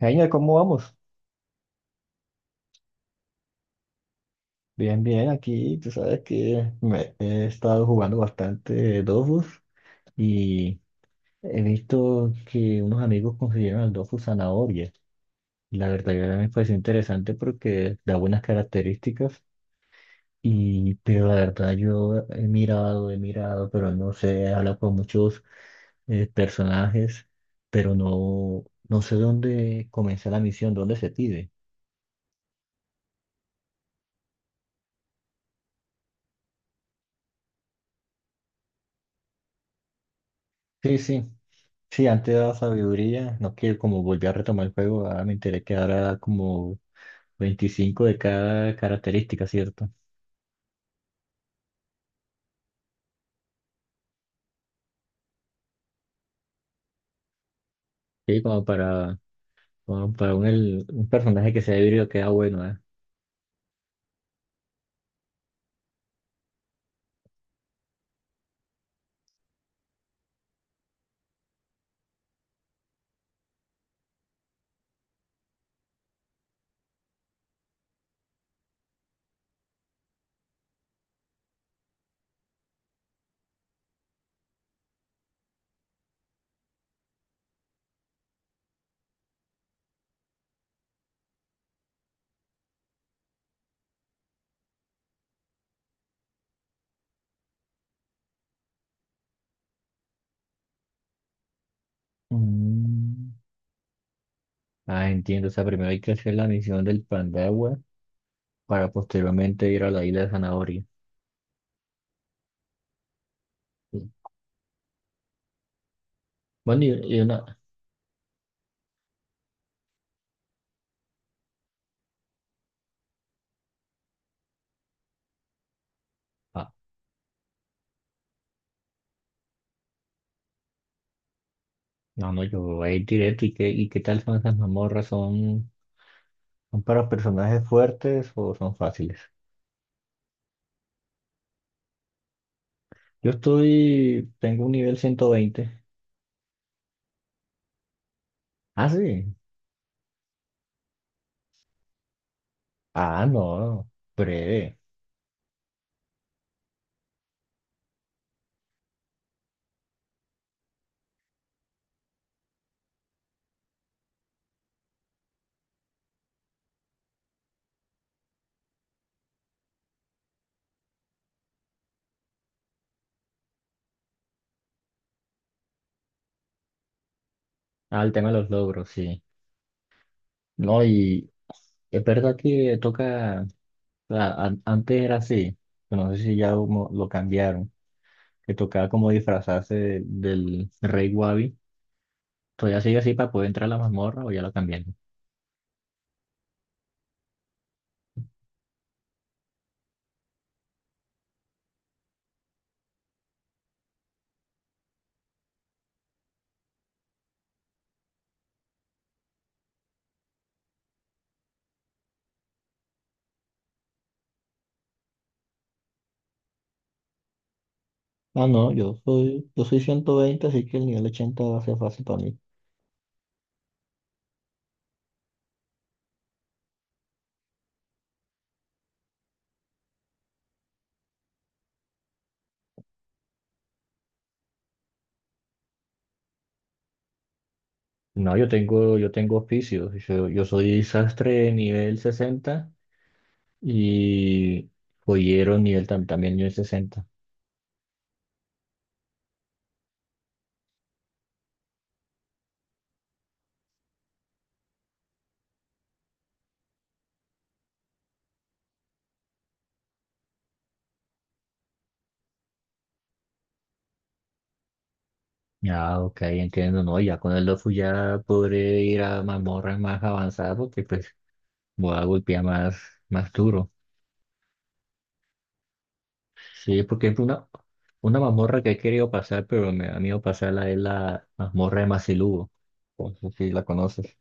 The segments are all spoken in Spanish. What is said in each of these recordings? Genial, ¿cómo vamos? Bien, bien, aquí tú sabes que me he estado jugando bastante Dofus y he visto que unos amigos consiguieron al Dofus zanahoria. La verdad que me pareció interesante porque da buenas características y pero la verdad yo he mirado, pero no sé, he hablado con muchos personajes, pero no sé dónde comenzar la misión, dónde se pide. Sí, sí. Sí, antes daba sabiduría, no que como volví a retomar el juego, ahora me enteré que ahora como 25 de cada característica, ¿cierto? Sí, como para, como para un personaje que sea híbrido queda bueno, ¿eh? Mm. Ah, entiendo, o sea, primero hay que hacer la misión del pan de agua para posteriormente ir a la isla de zanahoria. Sí. Bueno, y una... Ah, no, yo voy a ir directo, ¿y qué tal son esas mazmorras? ¿Son, son para personajes fuertes o son fáciles? Tengo un nivel 120. Ah, sí. Ah, no, breve. Ah, el tema de los logros, sí. No, y es verdad que toca, o sea, antes era así, pero no sé si ya como lo cambiaron, que tocaba como disfrazarse del rey Wabi. ¿Todavía sigue así para poder entrar a la mazmorra o ya lo cambiaron? Ah, no, yo soy 120 así que el nivel 80 va a ser fácil para mí. No, yo tengo oficios. Yo soy sastre nivel 60 y joyero nivel también nivel 60. Ah, ok, entiendo, no, ya con el Dofu ya podré ir a mazmorras más avanzadas porque pues voy a golpear más, más duro. Sí, porque es una mazmorra que he querido pasar, pero me da miedo pasarla es la mazmorra de Mazilugo, no sé si la conoces.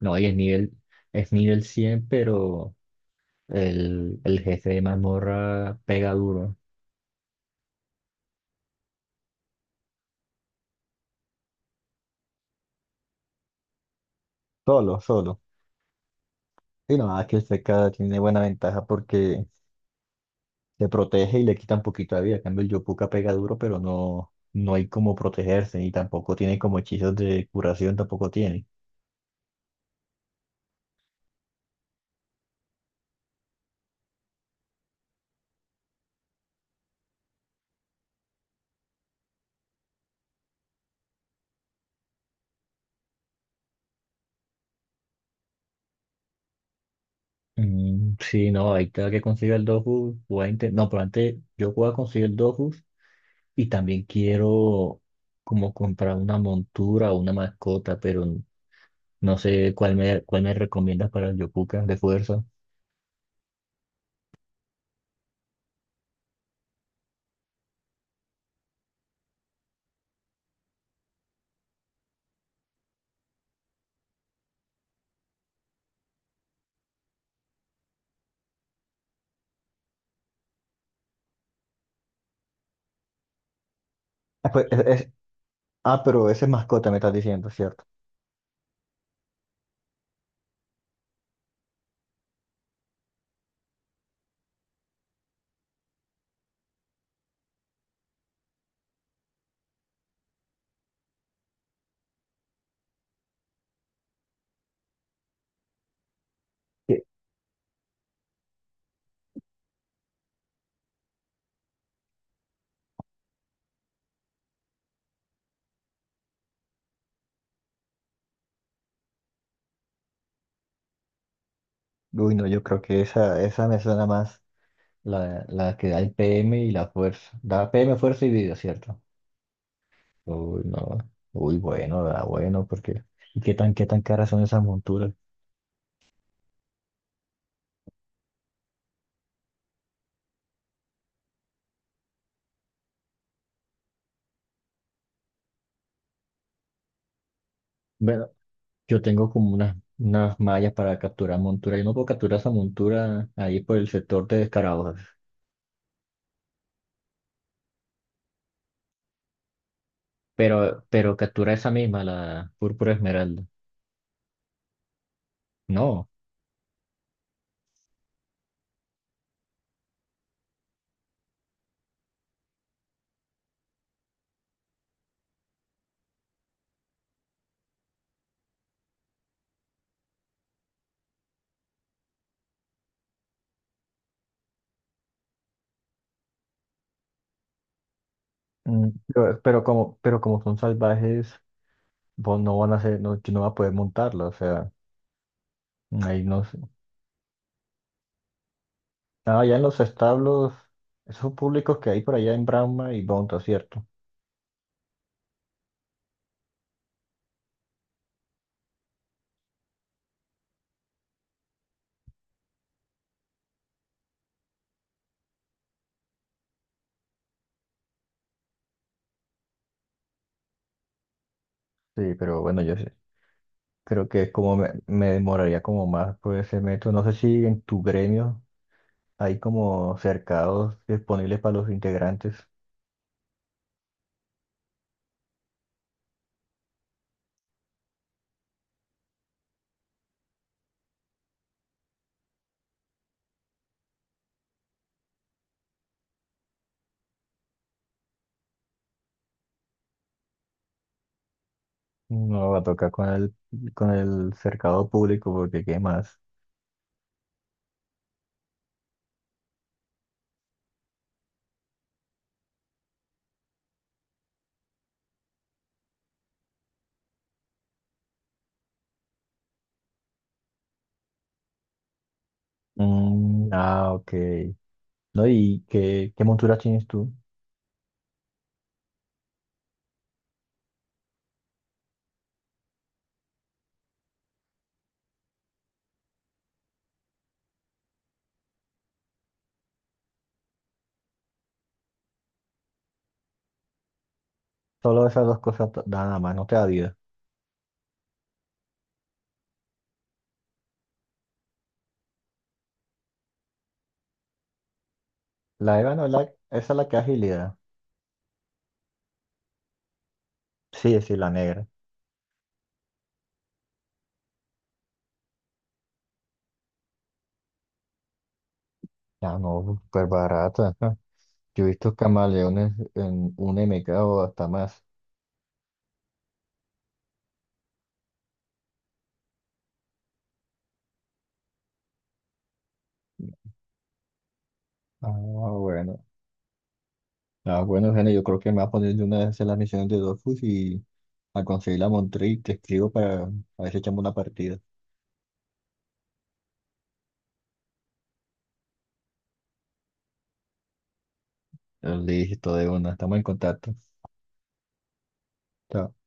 No, y es nivel 100 pero el jefe de mazmorra pega duro. Solo, solo. Sí, no, aquí el Seca tiene buena ventaja porque te protege y le quita un poquito de vida. En cambio, el Yopuka pega duro, pero no hay como protegerse y tampoco tiene como hechizos de curación, tampoco tiene. Mm, sí, no, ahí cada que consiga el Dofus, voy a inten- No, pero antes yo voy a conseguir el Dofus y también quiero como comprar una montura o una mascota, pero no sé cuál me recomiendas para el Yopuka de fuerza. Ah, pues, ah, pero ese es mascota me estás diciendo, ¿cierto? Sí. Uy, no, yo creo que esa me suena más. La que da el PM y la fuerza. Da PM, fuerza y vida, ¿cierto? Uy, no. Uy, bueno, da bueno, porque. ¿Y qué tan caras son esas monturas? Bueno, yo tengo como unas, unas mallas para capturar montura. Yo no puedo capturar esa montura ahí por el sector de Descarados, pero captura esa misma, la púrpura esmeralda. No. Mm, pero, pero como son salvajes, vos no van a ser, no, yo no va a poder montarla, o sea, ahí no. Ah, allá en los establos, esos públicos que hay por allá en Brahma y Bonta, ¿cierto? Sí, pero bueno, yo sé- creo que es como me demoraría como más por ese método. No sé si en tu gremio hay como cercados disponibles para los integrantes. No, va a tocar con con el cercado público porque ¿qué más? Mm, ah, ok. No, ¿y qué monturas tienes tú? Solo esas dos cosas t- nada más, no te da vida. La Eva no, la, esa es la que agilidad. Sí, sí, la negra. Ah, no, súper barata. Ajá. Yo he visto camaleones en un MK o hasta más. Ah, bueno. Ah, bueno, Gene, yo creo que me va a poner de una vez a hacer las misiones de Dofus y a conseguir la Montrey y te escribo para a ver si echamos una partida. Listo, de una. Estamos en contacto. Chao.